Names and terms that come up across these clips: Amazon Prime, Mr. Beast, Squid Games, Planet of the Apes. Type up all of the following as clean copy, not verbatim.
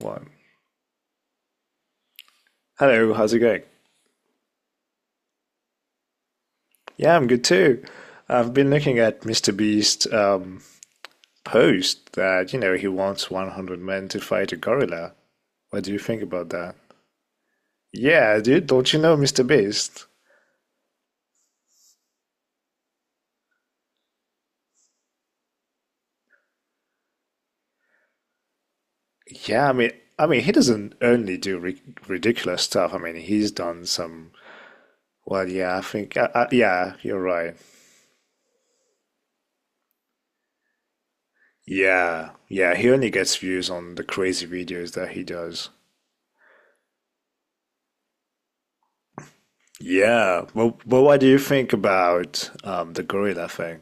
One. Hello, how's it going? Yeah, I'm good too. I've been looking at Mr. Beast's post that, you know, he wants 100 men to fight a gorilla. What do you think about that? Yeah, dude, don't you know Mr. Beast? Yeah, I mean, I mean, he doesn't only do ri ridiculous stuff. I mean, he's done some. Well, yeah, I think, yeah, you're right. Yeah, yeah, he only gets views on the crazy videos that he does. Yeah, well, but what do you think about the gorilla thing?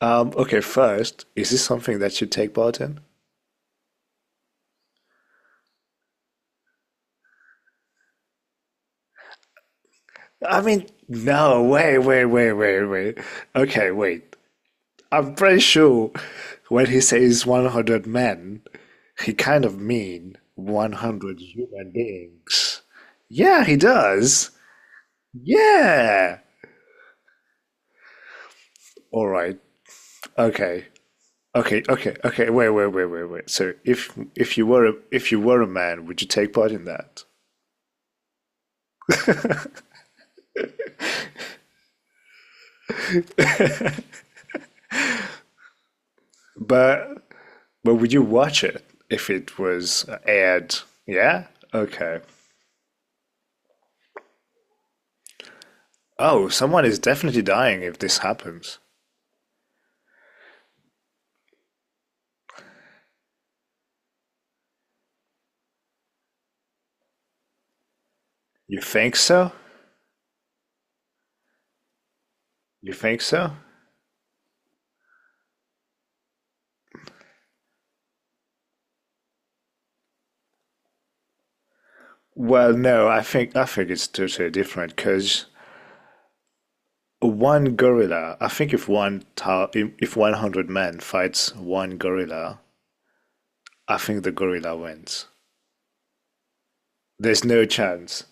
Okay, first, is this something that you take part in? I mean, no, wait, wait, wait, wait, wait. Okay, wait. I'm pretty sure when he says 100 men, he kind of mean 100 human beings. Yeah, he does. Yeah. All right. Okay. Okay, okay, okay. Wait, wait, wait, wait, wait. So if you were if you were a man, would you take part in that? But But would you watch it if it was aired? Yeah? Okay. Oh, someone is definitely dying if this happens. You think so? You think so? Well, no, I think it's totally different because one gorilla. I think if 100 men fights one gorilla, I think the gorilla wins. There's no chance.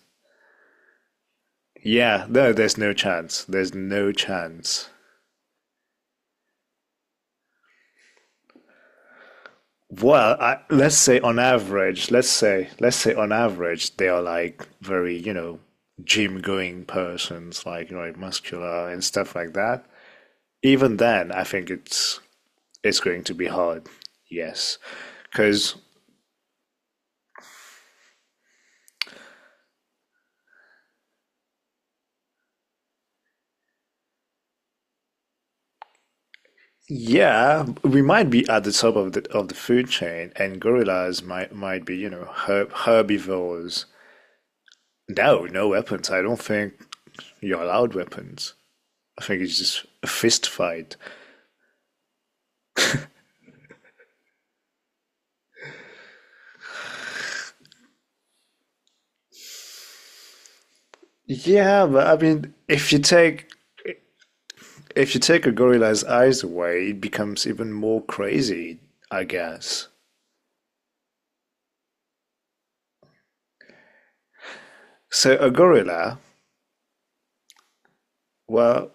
Yeah, no, there's no chance. There's no chance. Well, let's say on average, let's say on average, they are like very, you know, gym going persons, like, you know, like muscular and stuff like that. Even then, I think it's going to be hard. Yes. Because yeah, we might be at the top of the food chain, and gorillas might be, you know, herbivores. No, no weapons. I don't think you're allowed weapons. I think it's just a fist fight. Yeah, but I mean, if you take a gorilla's eyes away, it becomes even more crazy, I guess. So a gorilla, well,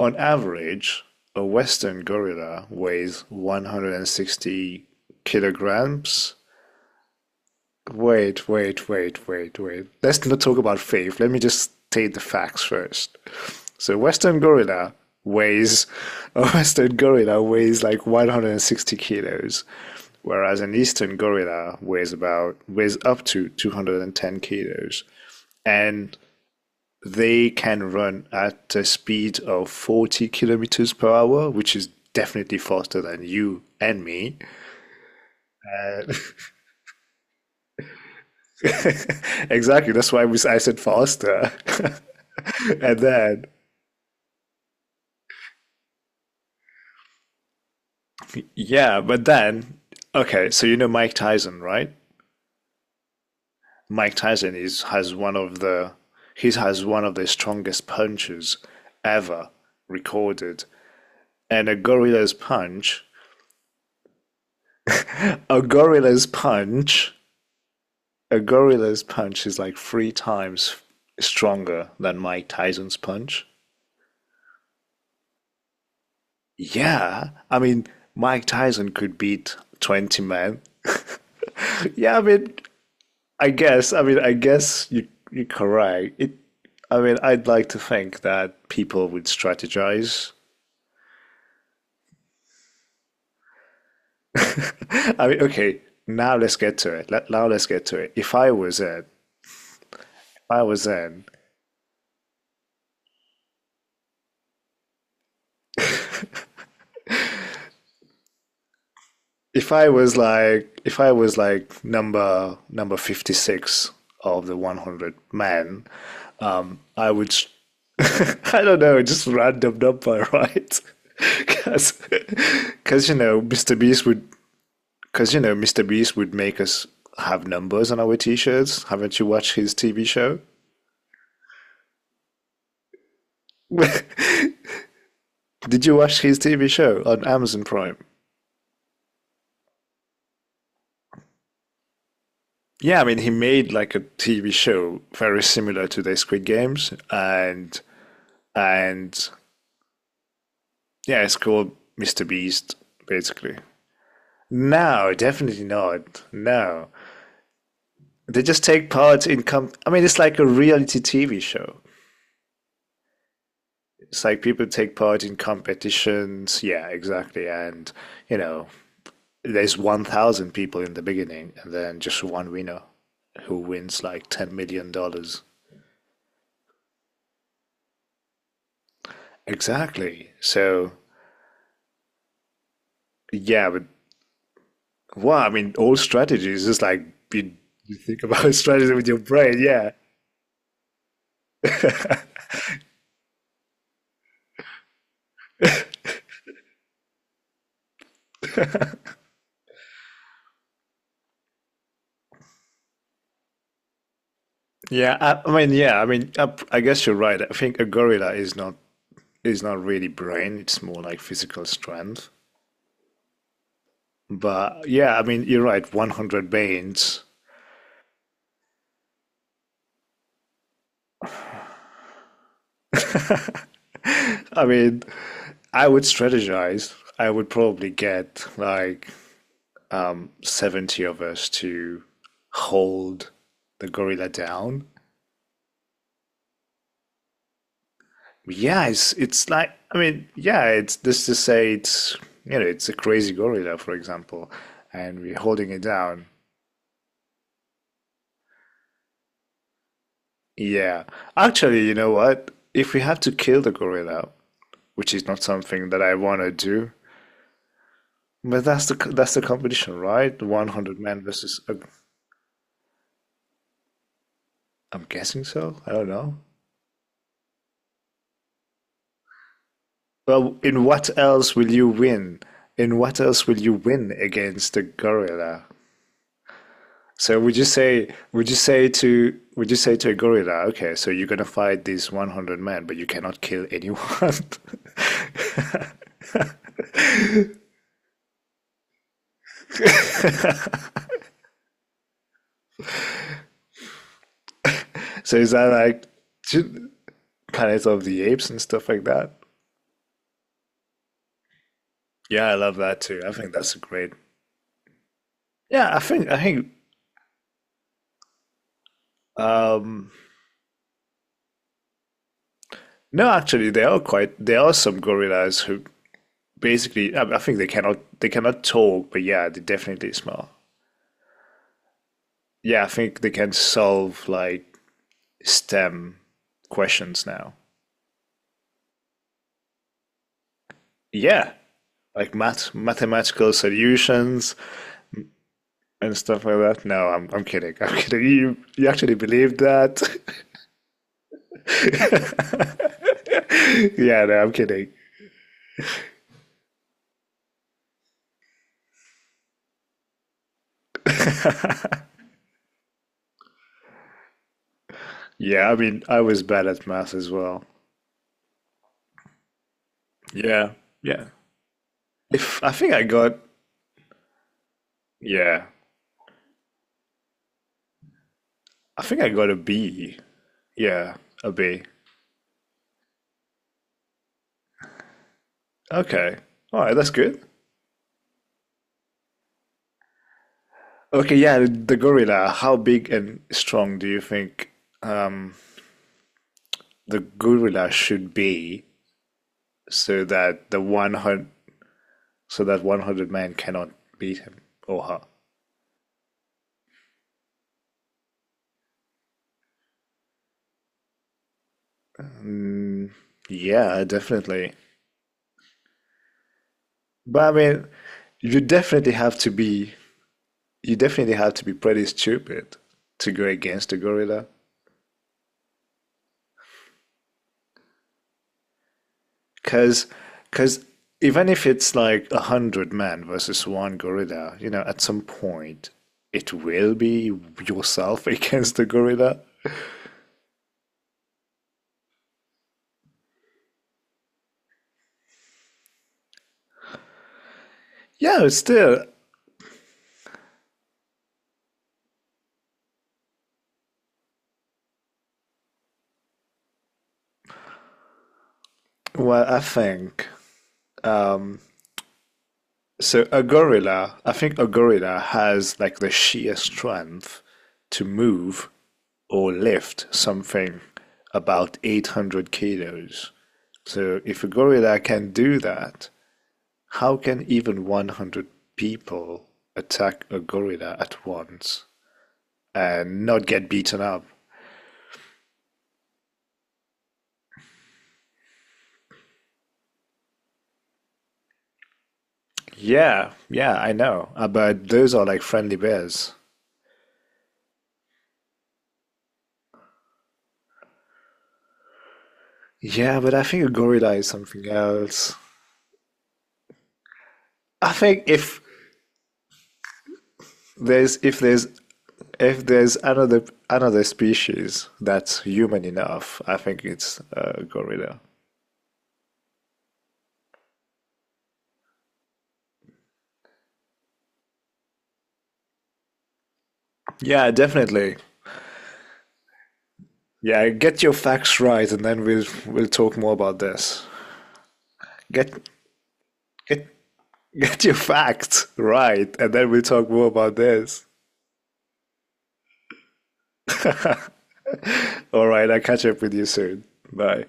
on average, a Western gorilla weighs 160 kilograms. Wait, wait, wait, wait, wait. Let's not talk about faith. Let me just state the facts first. So Western gorilla weighs a Western gorilla weighs like 160 kilos, whereas an Eastern gorilla weighs up to 210 kilos. And they can run at a speed of 40 kilometers per hour, which is definitely faster than you and me. Uh, Exactly. That's why I said faster. And then, yeah, but then, okay, so you know Mike Tyson, right? Mike Tyson is has one of the He has one of the strongest punches ever recorded. And a gorilla's punch, a gorilla's punch is like three times stronger than Mike Tyson's punch. Yeah, I mean, Mike Tyson could beat 20 men. Yeah, I mean, I mean, I guess you you're correct. It, I mean, I'd like to think that people would strategize. I mean, okay, now let's get to it. If I was in, if I was like, if I was like number 56 of the 100 men, I would, s- I don't know, just random number, right? Because, you know, Mr. Beast would Because, you know, Mr. Beast would make us have numbers on our t-shirts. Haven't you watched his TV show? Did you watch his TV show on Amazon Prime? Yeah, I mean, he made like a TV show very similar to the Squid Games, and and yeah, it's called Mr. Beast, basically. No, definitely not. No, they just take part in com. I mean, it's like a reality TV show. It's like people take part in competitions. Yeah, exactly, and you know, there's 1,000 people in the beginning, and then just one winner who wins like $10 million. Dollars. Exactly. So, yeah, but wow, I mean, all strategies is like you, you think about strategy with your brain. Yeah. Yeah. I mean, I guess you're right. I think a gorilla is not really brain, it's more like physical strength. But yeah, I mean, you're right, 100 Banes. I mean, I would strategize. I would probably get like 70 of us to hold the gorilla down. Yeah, it's just to say it's you know it's a crazy gorilla, for example, and we're holding it down. Yeah, actually, you know what? If we have to kill the gorilla, which is not something that I want to do, but that's the competition, right? 100 men versus. I'm guessing so. I don't know. Well, in what else will you win? In what else will you win against a gorilla? So would you say to a gorilla, okay, so you're gonna fight these 100 men, but you cannot kill anyone? So is that like ju- Planet of the Apes and stuff like that? Yeah, I love that too. I think that's a great. Yeah, I think um no, actually there are some gorillas who basically, I think they cannot talk, but yeah, they definitely smell. Yeah, I think they can solve like STEM questions now. Yeah, like mathematical solutions and stuff like that. No, I'm kidding. I'm kidding. You actually believe that? Yeah, no, I'm kidding. Yeah, I mean, I was bad at math as well. Yeah, yeah. If I think I got yeah, I think I got a B. Yeah, a B. Okay. All right, that's good. Okay, yeah, the gorilla. How big and strong do you think the gorilla should be so that the 100 so that 100 men cannot beat him or her? Mm. Yeah, definitely. But I mean, you definitely have to be you definitely have to be pretty stupid to go against a gorilla. because because even if it's like a hundred men versus one gorilla, you know, at some point it will be yourself against the gorilla. Yeah, it's still, well, I think. Um, so a gorilla, I think a gorilla has like the sheer strength to move or lift something about 800 kilos. So if a gorilla can do that, how can even 100 people attack a gorilla at once and not get beaten up? Yeah, yeah, I know. But those are like friendly bears. Yeah, but I think a gorilla is something else. I think if there's If there's another species that's human enough, I think it's a gorilla. Yeah, definitely. Yeah, get your facts right, and then we'll talk more about this. Get get Get your facts right, and then we'll talk more about this. All right, I'll catch up with you soon. Bye.